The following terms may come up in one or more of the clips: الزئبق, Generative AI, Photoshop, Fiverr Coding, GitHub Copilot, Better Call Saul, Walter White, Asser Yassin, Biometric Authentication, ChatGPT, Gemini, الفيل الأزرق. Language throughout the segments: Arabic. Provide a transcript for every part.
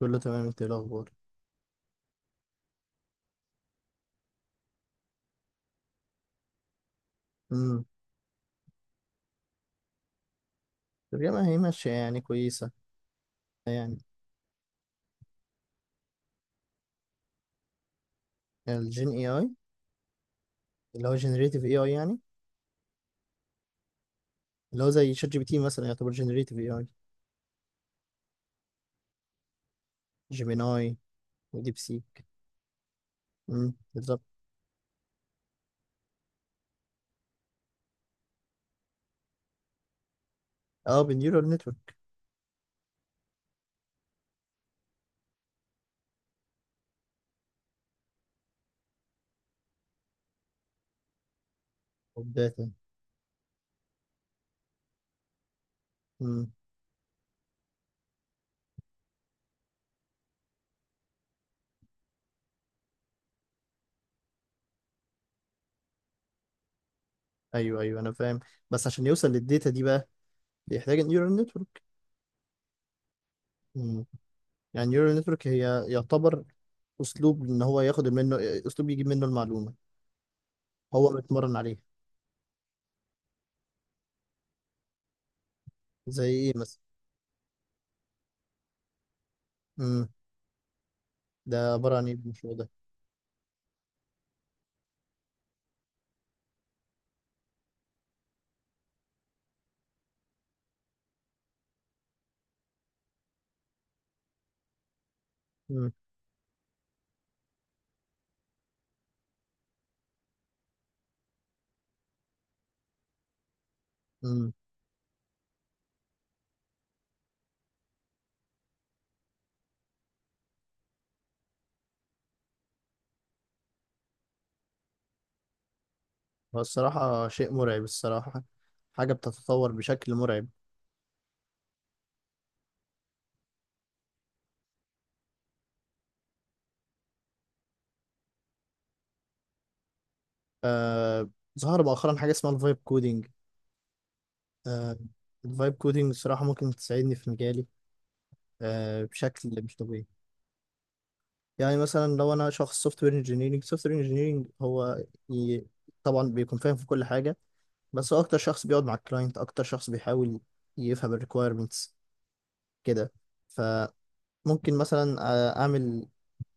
كله تمام. انت ايه الاخبار؟ امم. الترجمه هي ماشيه يعني كويسه. يعني الجين اي اي اللي هو جنريتيف اي اي يعني. اللي هو زي شات جي بي تي مثلا يعتبر جنريتيف اي اي. جيميناي وديب سيك. بالظبط. اه، بالنيورال نتورك والداتا. امم. ايوه، ايوه، انا فاهم. بس عشان يوصل للداتا دي بقى بيحتاج النيورال نتورك. امم. يعني النيورال نتورك هي يعتبر اسلوب ان هو ياخد منه، اسلوب يجيب منه المعلومه. هو بيتمرن عليه. زي ايه مثلا؟ امم. ده عباره عن ايه المشروع ده؟ امم. هو الصراحة شيء مرعب الصراحة. حاجة بتتطور بشكل مرعب. آه. ظهر مؤخرا حاجة اسمها الفايب كودينج. آه. الفايب كودينج الصراحة ممكن تساعدني في مجالي، بشكل مش طبيعي. يعني مثلا لو أنا شخص سوفت وير انجينيرنج، سوفت وير انجينيرنج هو ي... طبعا بيكون فاهم في كل حاجة. بس هو أكتر شخص بيقعد مع الكلاينت، أكتر شخص بيحاول يفهم الريكويرمنتس كده. فممكن مثلا أعمل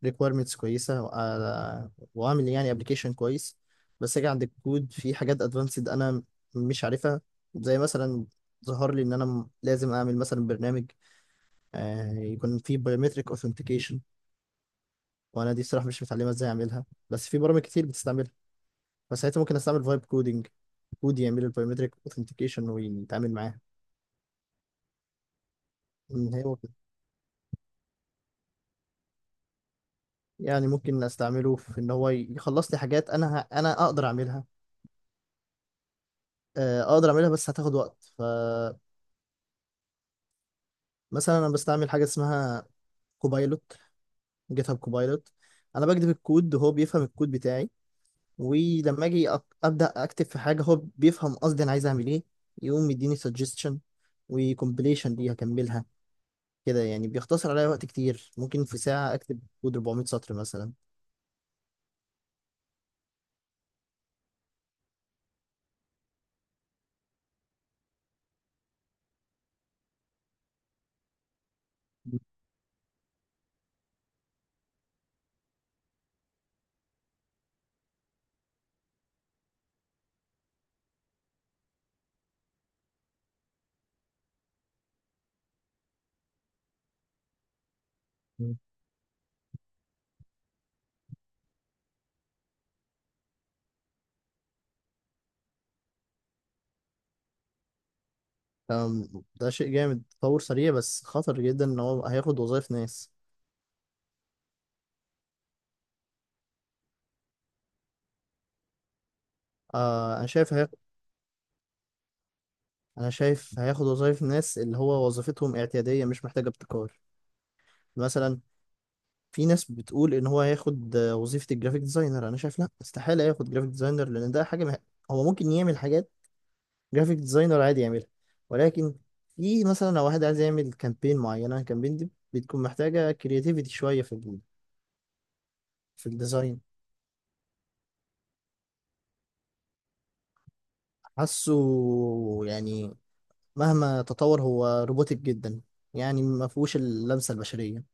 ريكويرمنتس كويسه واعمل يعني ابلكيشن كويس. بس اجي عند الكود في حاجات ادفانسد انا مش عارفها. زي مثلا ظهر لي ان انا لازم اعمل مثلا برنامج يكون فيه بايومتريك اوثنتيكيشن. وانا دي الصراحه مش متعلمه ازاي اعملها، بس في برامج كتير بتستعملها. فساعتها ممكن استعمل فايب كودينج، كود يعمل البايومتريك اوثنتيكيشن ويتعامل معاها. إن هو كده. يعني ممكن استعمله في ان هو يخلص لي حاجات انا انا اقدر اعملها، اقدر اعملها بس هتاخد وقت ف مثلا انا بستعمل حاجه اسمها كوبايلوت، جيت هاب كوبايلوت. انا بكتب الكود وهو بيفهم الكود بتاعي، ولما اجي ابدا اكتب في حاجه، هو بيفهم قصدي انا عايز اعمل ايه، يقوم يديني سجستشن وكومبليشن دي هكملها. كده يعني بيختصر عليا وقت كتير، ممكن في ساعه اكتب كود 400 سطر مثلا. أم، ده شيء جامد، تطور سريع بس خطر جدا ان هو هياخد وظائف ناس. انا شايف هياخد. انا شايف هياخد وظائف ناس اللي هو وظيفتهم اعتيادية مش محتاجة ابتكار. مثلا في ناس بتقول ان هو هياخد وظيفة الجرافيك ديزاينر. انا شايف لا، استحالة ياخد جرافيك ديزاينر لان ده حاجة هو ممكن يعمل حاجات جرافيك ديزاينر عادي يعملها، ولكن في مثلا لو واحد عايز يعمل كامبين معينة، الكامبين دي بتكون محتاجة كرياتيفيتي شوية في في الديزاين. حاسه يعني مهما تطور هو روبوتك جدا. يعني ما فيهوش اللمسة البشرية.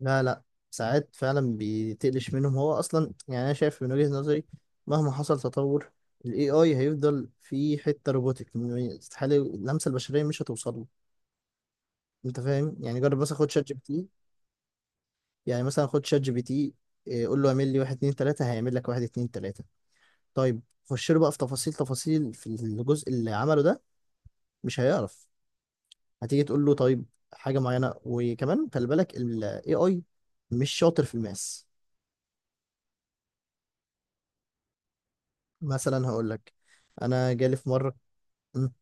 لا، لا. ساعات فعلا بتقلش منهم هو اصلا. يعني انا شايف من وجهة نظري، مهما حصل تطور، الاي اي هيفضل في حته روبوتك. استحاله اللمسه البشريه مش هتوصل له. انت فاهم؟ يعني جرب مثلا، خد شات جي بي تي. يعني مثلا خد شات جي بي تي، قول له اعمل لي واحد اتنين تلاته، هيعمل لك واحد اتنين تلاته. طيب، خش له بقى في تفاصيل تفاصيل في الجزء اللي عمله ده. مش هيعرف. هتيجي تقول له طيب حاجه معينه، وكمان خلي بالك الاي اي مش شاطر في الماس. مثلا هقول لك، انا جالي في مره. مم،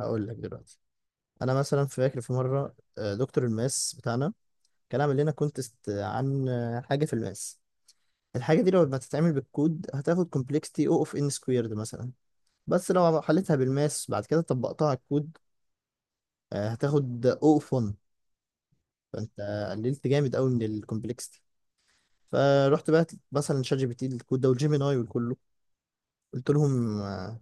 هقول لك دلوقتي، انا مثلا فاكر في مره دكتور الماس بتاعنا كان عامل لنا كونتست عن حاجه في الماس. الحاجه دي لو ما تتعمل بالكود هتاخد كومبلكسيتي او اوف ان سكويرد مثلا، بس لو حلتها بالماس بعد كده طبقتها على الكود، هتاخد او اوف 1. فانت قللت جامد قوي من الكومبلكسيتي. فرحت بقى مثلا شات جي بي تي الكود ده والجيميناي وكله، قلت لهم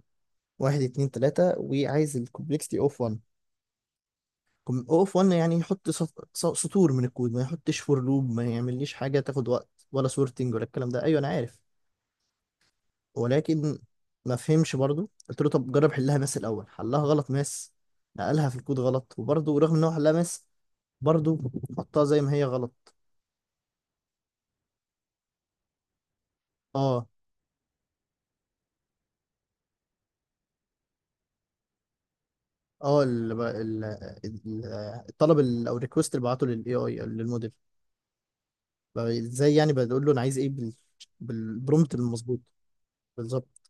واحد اتنين تلاتة وعايز الكومبلكسيتي اوف 1. او اف 1 يعني يحط سطور من الكود، ما يحطش فور لوب، ما يعمليش حاجه تاخد وقت ولا سورتنج ولا الكلام ده. ايوه، انا عارف، ولكن ما فهمش برضو. قلت له طب جرب حلها ماس الاول. حلها غلط ماس، نقلها في الكود غلط، وبرضو رغم ان هو حلها ماس، برضو حطها زي ما هي غلط. اه. اه، ال- الطلب او الريكوست اللي بعته للاي اي للموديل. بقى ازاي يعني بقول له انا عايز ايه بالبرومبت المظبوط. بالظبط.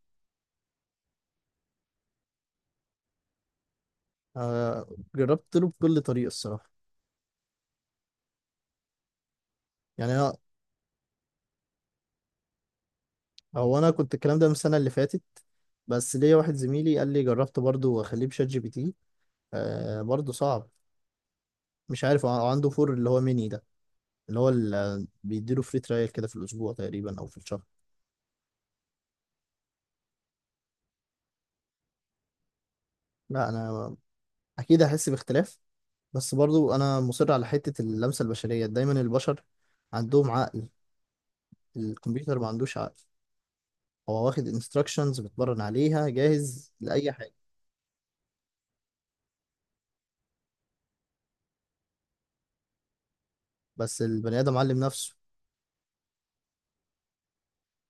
آه جربت له بكل طريقه الصراحه. يعني انا، هو انا كنت الكلام ده من السنه اللي فاتت، بس ليا واحد زميلي قال لي جربت برضه، واخليه بشات جي بي تي. برضه صعب. مش عارف هو عنده فور اللي هو ميني ده، اللي هو اللي بيديله فري ترايل كده في الاسبوع تقريبا او في الشهر. لا، انا اكيد هحس باختلاف، بس برضه انا مصر على حته اللمسه البشريه. دايما البشر عندهم عقل، الكمبيوتر ما عندوش عقل. هو واخد انستراكشنز بتمرن عليها جاهز لاي حاجه. بس البني ادم علم نفسه.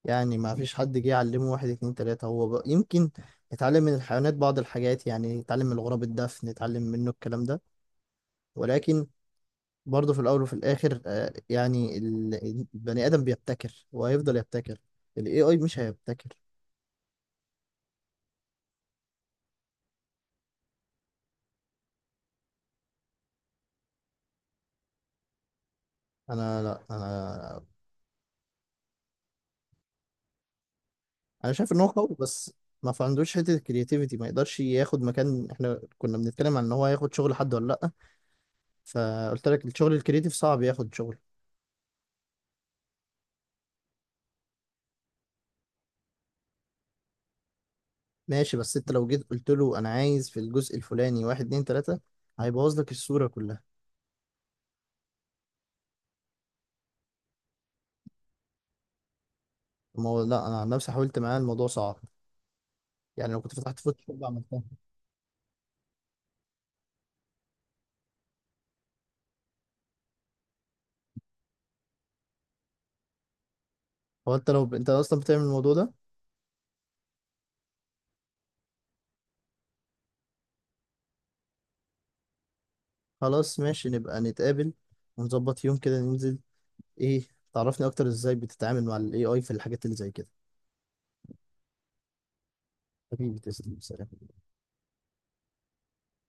يعني ما فيش حد جه يعلمه واحد اتنين تلاتة، هو يمكن يتعلم من الحيوانات بعض الحاجات. يعني يتعلم من الغراب الدفن، يتعلم منه الكلام ده. ولكن برضه في الأول وفي الآخر يعني البني آدم بيبتكر وهيفضل يبتكر. ال AI مش هيبتكر. أنا لا، أنا شايف إن هو قوي، بس ما في عندوش حتة الكرياتيفيتي. ما يقدرش ياخد مكان. إحنا كنا بنتكلم عن إن هو ياخد شغل حد ولا لأ، فقلت لك الشغل الكرياتيف صعب ياخد شغل. ماشي، بس انت لو جيت قلت له انا عايز في الجزء الفلاني واحد اتنين تلاتة، هيبوظ لك الصورة كلها. ما هو لا، انا عن نفسي حاولت معاه الموضوع صعب، يعني لو كنت فتحت فوتوشوب عملتها. هو انت لو انت اصلا بتعمل الموضوع ده؟ خلاص ماشي، نبقى نتقابل ونظبط يوم كده ننزل، ايه، تعرفني اكتر ازاي بتتعامل مع الاي اي في الحاجات اللي زي كده. حبيبي تسلم، سلام.